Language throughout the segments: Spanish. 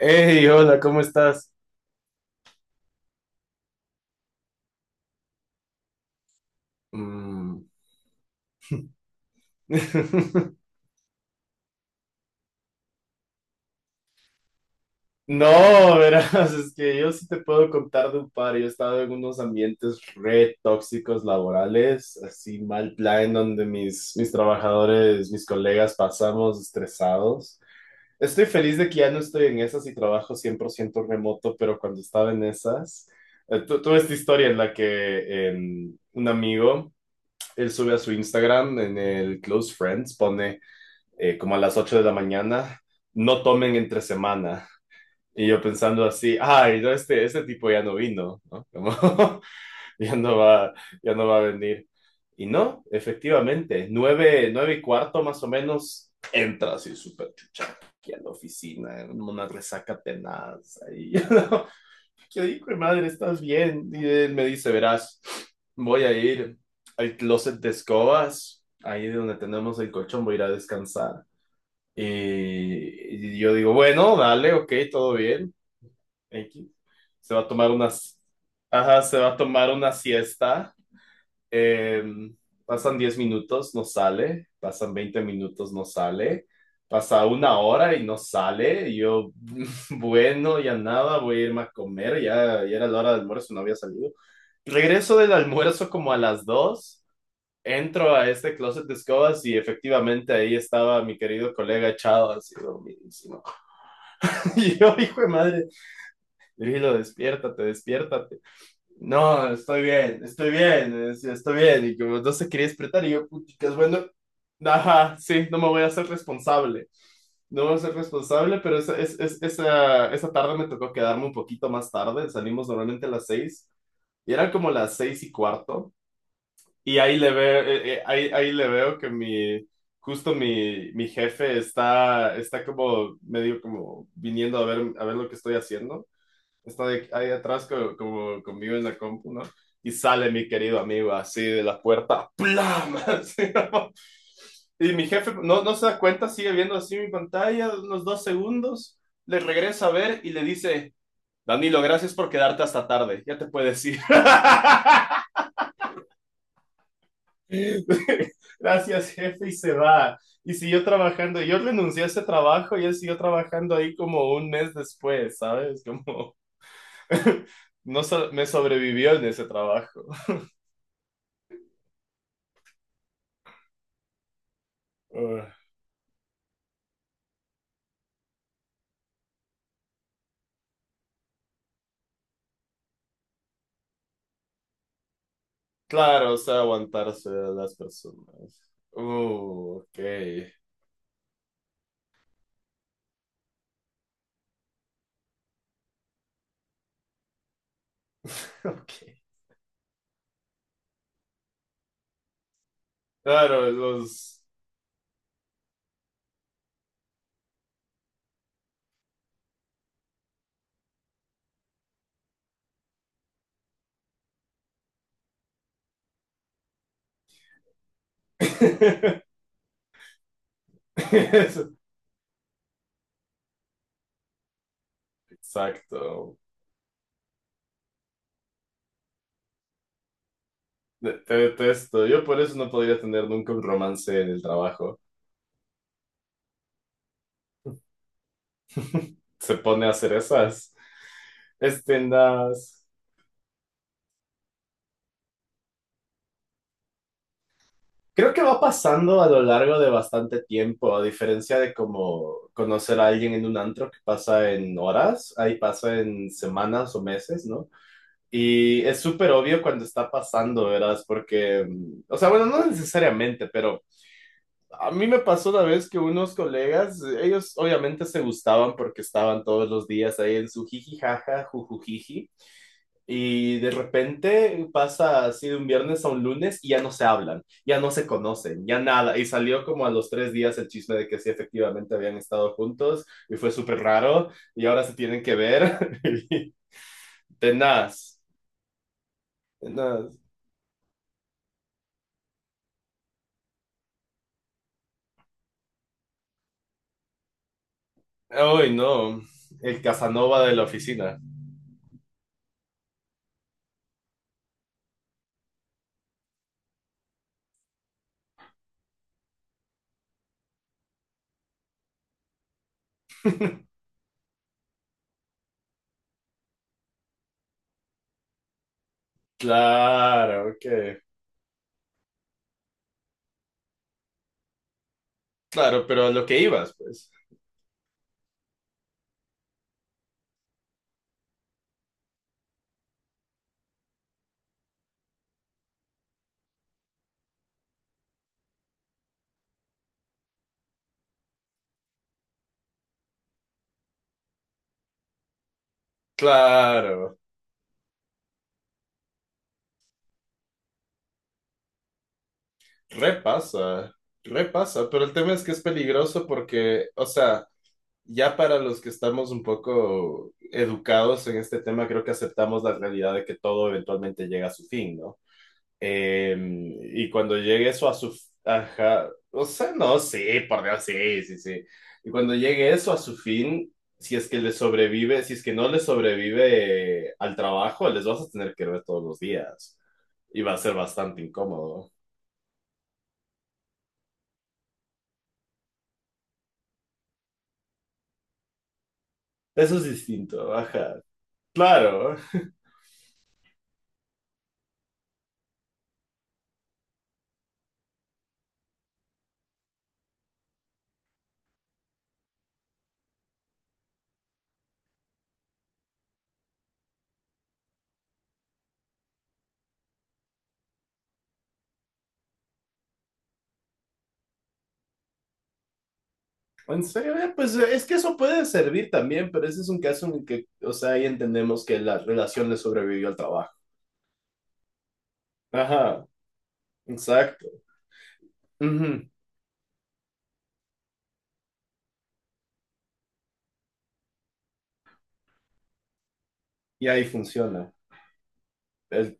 Hey, hola, ¿cómo estás? Mm. No, verás, es que yo sí te puedo contar de un par. Yo he estado en unos ambientes re tóxicos laborales, así mal plan, donde mis trabajadores, mis colegas pasamos estresados. Estoy feliz de que ya no estoy en esas y trabajo 100% remoto, pero cuando estaba en esas, tuve esta historia en la que un amigo, él sube a su Instagram, en el Close Friends, pone como a las 8 de la mañana, no tomen entre semana. Y yo pensando así, ay, no, este tipo ya no vino, ¿no? Como, ya no va, ya no va a venir. Y no, efectivamente, 9:15 más o menos, entra así súper chucha aquí a la oficina, en una resaca tenaz. Ahí, ¿no? Yo digo, madre, ¿estás bien? Y él me dice, verás, voy a ir al closet de escobas, ahí de donde tenemos el colchón, voy a ir a descansar. Y yo digo, bueno, dale, ok, todo bien. X. Se va a tomar unas, ajá, se va a tomar una siesta. Eh, Pasan 10 minutos, no sale. Pasan 20 minutos, no sale. Pasa una hora y no sale. Y yo, bueno, ya nada, voy a irme a comer. Ya era la hora del almuerzo, no había salido. Regreso del almuerzo como a las 2, entro a este closet de escobas y efectivamente ahí estaba mi querido colega echado así dormidísimo. Y yo, hijo de madre, Drilo, despiértate, despiértate. No, estoy bien, estoy bien, estoy bien. Y como no se quería despertar, y yo, puticas, bueno, ajá, sí, no me voy a hacer responsable. No voy a ser responsable, pero esa, es- esa tarde me tocó quedarme un poquito más tarde. Salimos normalmente a las 6 y eran como las 6:15. Y ahí le veo, ahí le veo que justo mi jefe está como medio como viniendo a ver lo que estoy haciendo. Está ahí atrás como, conmigo en la compu, ¿no? Y sale mi querido amigo así de la puerta, ¡plam! Así, ¿no? Y mi jefe no se da cuenta, sigue viendo así mi pantalla unos 2 segundos, le regresa a ver y le dice, Danilo, gracias por quedarte hasta tarde, ya te puedes ir. Gracias, jefe, y se va. Y siguió trabajando. Yo renuncié a ese trabajo y él siguió trabajando ahí como un mes después, ¿sabes? Como no so- me sobrevivió en ese trabajo. Uh, claro, o sea, aguantarse a las personas. Ok. Ok. Claro, los. Eso, exacto. Te detesto. Yo por eso no podría tener nunca un romance en el trabajo. Se pone a hacer esas. Este, las- Creo que va pasando a lo largo de bastante tiempo, a diferencia de como conocer a alguien en un antro que pasa en horas, ahí pasa en semanas o meses, ¿no? Y es súper obvio cuando está pasando, ¿verdad? Porque, o sea, bueno, no necesariamente, pero a mí me pasó una vez que unos colegas, ellos obviamente se gustaban porque estaban todos los días ahí en su jiji jaja, jujujiji. Y de repente pasa así de un viernes a un lunes y ya no se hablan, ya no se conocen, ya nada. Y salió como a los 3 días el chisme de que sí, efectivamente habían estado juntos y fue súper raro y ahora se tienen que ver. Tenaz, tenaz. Ay, no, el Casanova de la oficina. Claro, que, claro, pero a lo que ibas, pues. Claro, repasa, repasa, pero el tema es que es peligroso porque, o sea. Ya para los que estamos un poco educados en este tema, creo que aceptamos la realidad de que todo eventualmente llega a su fin, ¿no? Eh, y cuando llegue eso a su. Ajá, o sea, no, sí, por Dios, sí, sí, sí. Y cuando llegue eso a su fin, si es que le sobrevive, si es que no le sobrevive al trabajo, les vas a tener que ver todos los días. Y va a ser bastante incómodo. Eso es distinto, ajá. Claro. En serio, pues es que eso puede servir también, pero ese es un caso en el que, o sea, ahí entendemos que la relación le sobrevivió al trabajo. Ajá, exacto. Ujú. Y ahí funciona. El-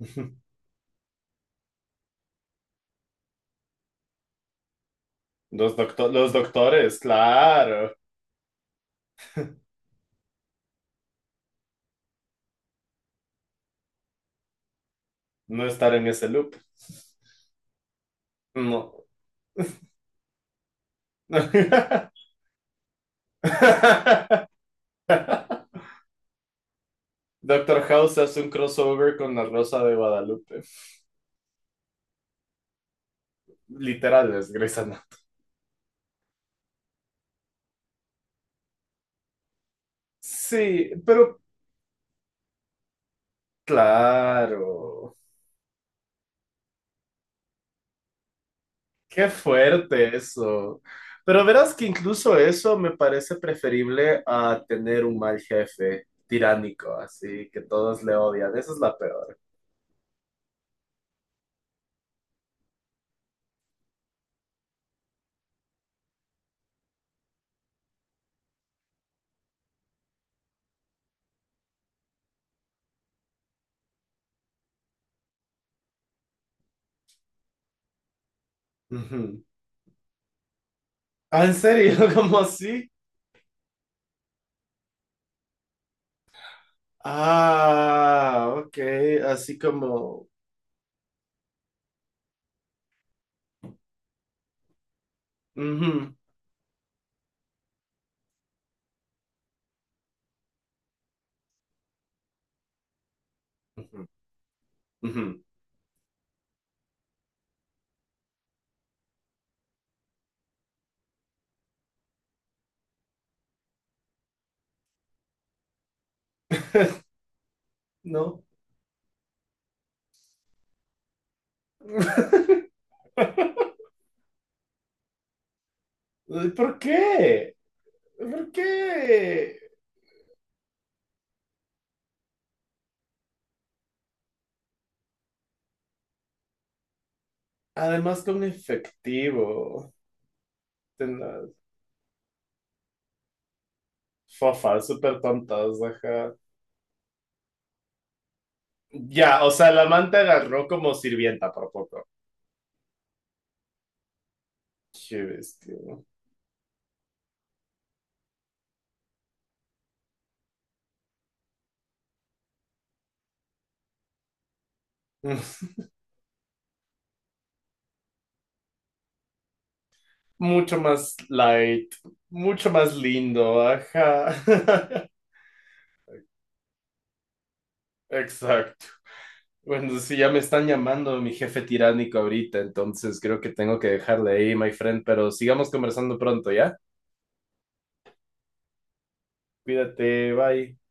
los doctores, claro, no estar en ese loop. No. Doctor House hace un crossover con la Rosa de Guadalupe. Literal, es Grey's Anatomy. Sí, pero claro. Qué fuerte eso. Pero verás que incluso eso me parece preferible a tener un mal jefe tiránico, así que todos le odian. Esa es la peor. Ujú. Ah, ¿en serio? ¿Cómo así? Ah, ok. Así como. Ujú, ujú, ujú. No. ¿Por qué? ¿Por qué? Además con efectivo. Ten- Fofas, súper tontas, ajá. Ya, o sea, la manta agarró como sirvienta por poco. Qué bestia, ¿no? Mucho más light, mucho más lindo, ajá. Exacto. Bueno, sí, ya me están llamando mi jefe tiránico ahorita, entonces creo que tengo que dejarle ahí, my friend, pero sigamos conversando pronto, ¿ya? Cuídate, bye.